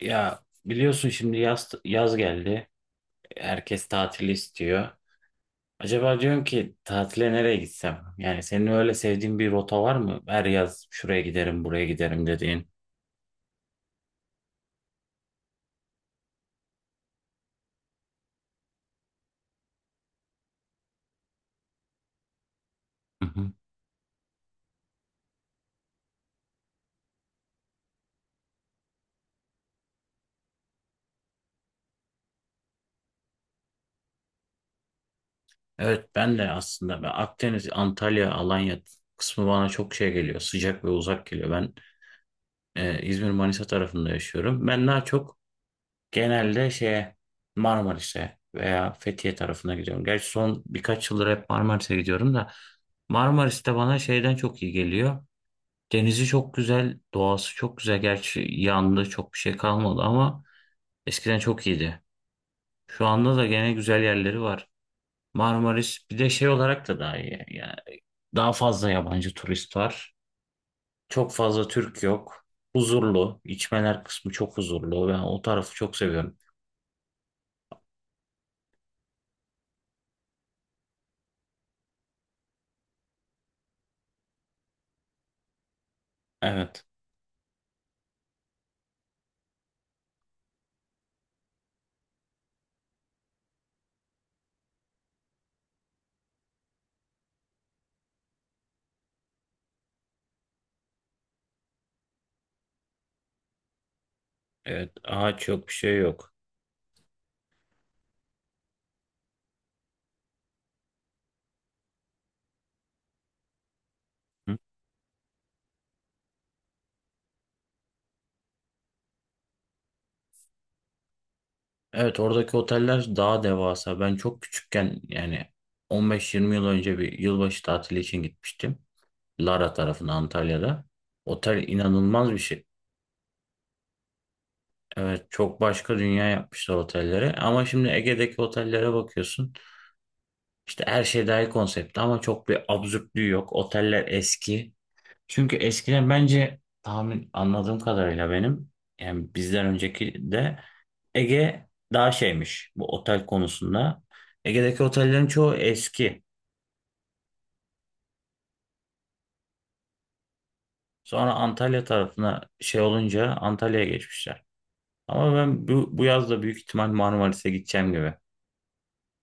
Ya biliyorsun şimdi yaz geldi. Herkes tatil istiyor. Acaba diyorum ki tatile nereye gitsem? Yani senin öyle sevdiğin bir rota var mı? Her yaz şuraya giderim, buraya giderim dediğin. Hı hı. Evet, ben de aslında ben Akdeniz, Antalya, Alanya kısmı bana çok şey geliyor. Sıcak ve uzak geliyor. Ben İzmir, Manisa tarafında yaşıyorum. Ben daha çok genelde şeye Marmaris'e veya Fethiye tarafına gidiyorum. Gerçi son birkaç yıldır hep Marmaris'e gidiyorum da Marmaris'te bana şeyden çok iyi geliyor. Denizi çok güzel, doğası çok güzel. Gerçi yandı çok bir şey kalmadı ama eskiden çok iyiydi. Şu anda da gene güzel yerleri var. Marmaris bir de şey olarak da daha iyi. Yani daha fazla yabancı turist var. Çok fazla Türk yok. Huzurlu. İçmeler kısmı çok huzurlu. Ben o tarafı çok seviyorum. Evet. Evet, ağaç yok, bir şey yok. Hı? Evet, oradaki oteller daha devasa. Ben çok küçükken yani 15-20 yıl önce bir yılbaşı tatili için gitmiştim. Lara tarafına Antalya'da. Otel inanılmaz bir şey. Evet, çok başka dünya yapmışlar otellere. Ama şimdi Ege'deki otellere bakıyorsun. İşte her şey dahil konsepti ama çok bir absürtlüğü yok. Oteller eski. Çünkü eskiden bence tahmin anladığım kadarıyla benim yani bizden önceki de Ege daha şeymiş bu otel konusunda. Ege'deki otellerin çoğu eski. Sonra Antalya tarafına şey olunca Antalya'ya geçmişler. Ama ben bu yaz da büyük ihtimal Marmaris'e gideceğim gibi.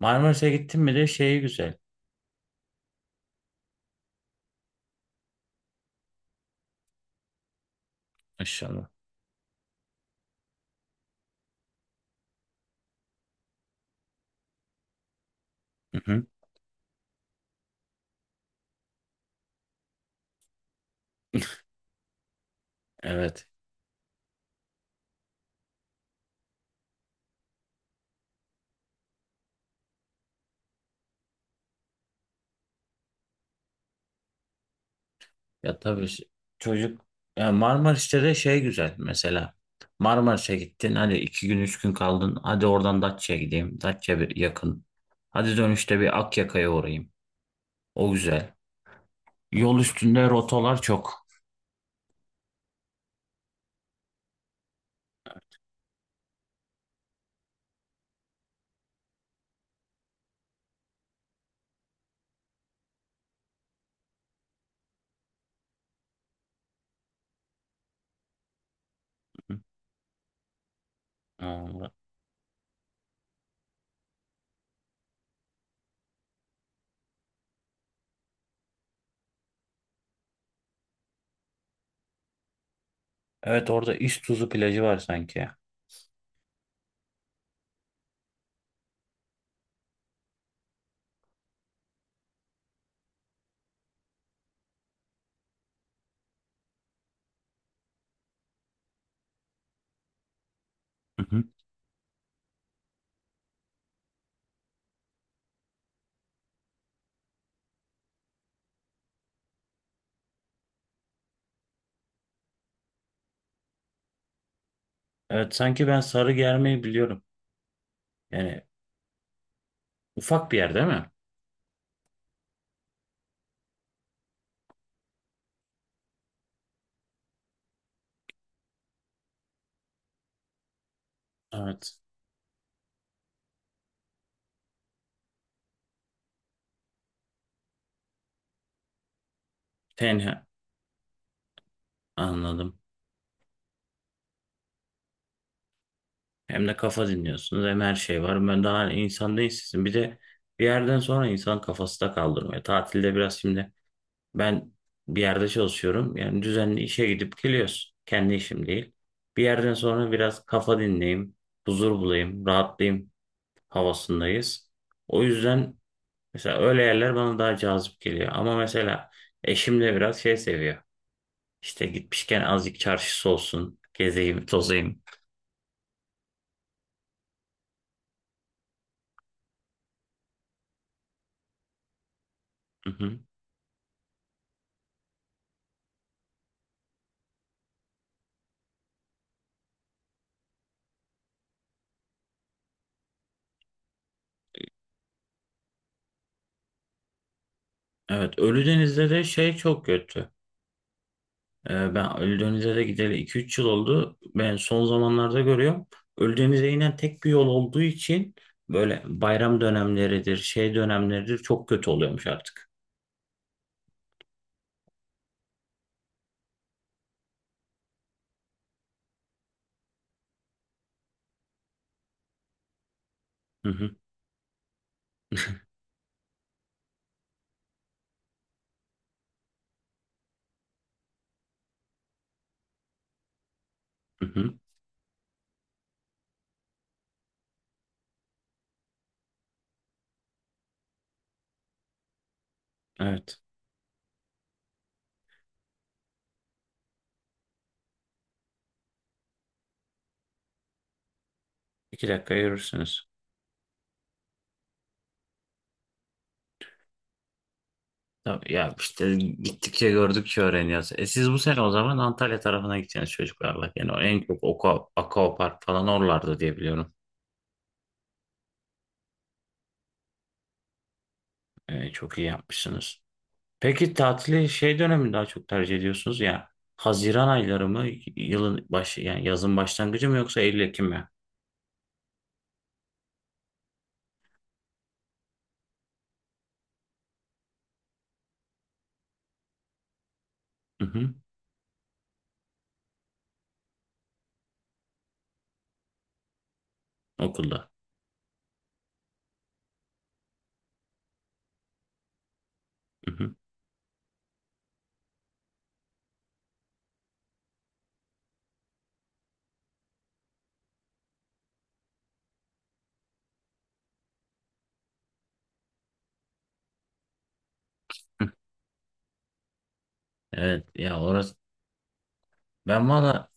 Marmaris'e gittim mi de şeyi güzel. Aşağıda. Hı hı. Evet. Ya tabii, ş- çocuk, ya Marmaris'te de şey güzel mesela. Marmaris'e gittin, hadi iki gün üç gün kaldın. Hadi oradan Datça'ya gideyim. Datça bir yakın. Hadi dönüşte bir Akyaka'ya uğrayayım. O güzel. Yol üstünde rotalar çok. Aa, evet, orada İztuzu plajı var sanki. Hı hı. Evet, sanki ben Sarıgerme'yi biliyorum. Yani ufak bir yer değil mi? Evet. Tenha. Anladım. Hem de kafa dinliyorsunuz hem her şey var. Ben daha insan değilsizim. Bir de bir yerden sonra insan kafası da kaldırmıyor. Tatilde biraz şimdi ben bir yerde çalışıyorum. Yani düzenli işe gidip geliyoruz. Kendi işim değil. Bir yerden sonra biraz kafa dinleyeyim, huzur bulayım, rahatlayayım havasındayız. O yüzden mesela öyle yerler bana daha cazip geliyor. Ama mesela eşim de biraz şey seviyor. İşte gitmişken azıcık çarşısı olsun, gezeyim, tozayım. Evet, Ölüdeniz'de de şey çok kötü. Ben Ölüdeniz'e de gideli 2-3 yıl oldu. Ben son zamanlarda görüyorum. Ölüdeniz'e inen tek bir yol olduğu için böyle bayram dönemleridir, şey dönemleridir çok kötü oluyormuş artık. Hı hı, hı hı. Evet. 2 dakika yürürsünüz. Tabii ya, işte gittikçe gördükçe öğreniyoruz. E, siz bu sene o zaman Antalya tarafına gideceksiniz çocuklarla. Yani o en çok Oka, Aquapark falan oralarda diye biliyorum. E, çok iyi yapmışsınız. Peki tatili şey dönemi daha çok tercih ediyorsunuz ya. Haziran ayları mı, yılın başı yani yazın başlangıcı mı, yoksa Eylül Ekim mi? Hı hı, okulda. Hı hı. Evet ya, orası. Ben valla,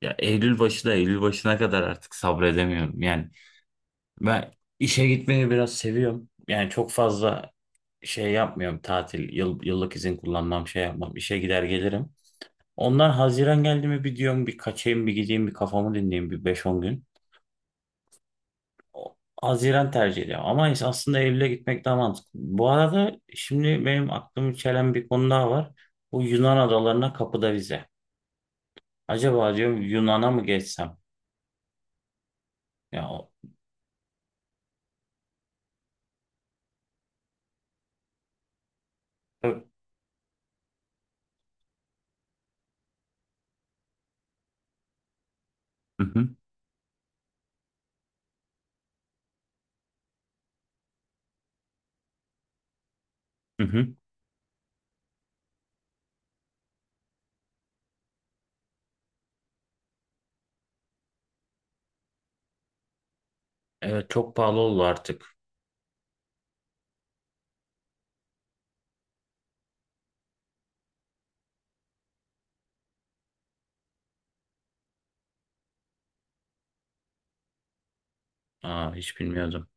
ya Eylül başı da, Eylül başına kadar artık sabredemiyorum. Yani ben işe gitmeyi biraz seviyorum. Yani çok fazla şey yapmıyorum, tatil, yıl, yıllık izin kullanmam, şey yapmam, işe gider gelirim. Ondan Haziran geldi mi bir diyorum, bir kaçayım, bir gideyim, bir kafamı dinleyeyim bir beş on gün. O- Haziran tercih ediyorum. Ama ins- aslında Eylül'e gitmek daha mantıklı. Bu arada şimdi benim aklımı çelen bir konu daha var. Bu Yunan adalarına kapıda vize. Acaba diyorum Yunan'a mı geçsem? Ya o- Ö- hı hı, hı hı. Evet, çok pahalı oldu artık. Aa, hiç bilmiyordum.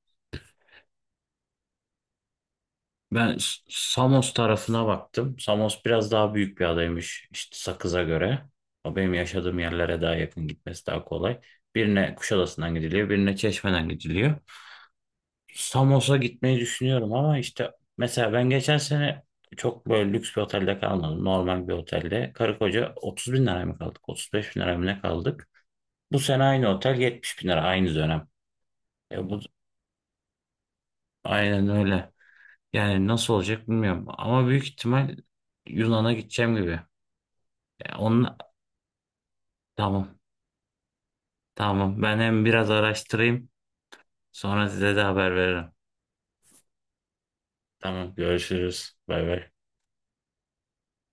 Ben S- Samos tarafına baktım. Samos biraz daha büyük bir adaymış işte Sakız'a göre. O benim yaşadığım yerlere daha yakın, gitmesi daha kolay. Birine Kuşadası'ndan gidiliyor, birine Çeşme'den gidiliyor. Samos'a gitmeyi düşünüyorum ama işte mesela ben geçen sene çok böyle lüks bir otelde kalmadım. Normal bir otelde. Karı koca 30 bin liraya mı kaldık? 35 bin liraya mı ne kaldık? Bu sene aynı otel 70 bin lira aynı dönem. E bu aynen öyle. Yani nasıl olacak bilmiyorum. Ama büyük ihtimal Yunan'a gideceğim gibi. E onun... Tamam. Tamam. Ben hem biraz araştırayım. Sonra size de haber veririm. Tamam. Görüşürüz. Bay bay.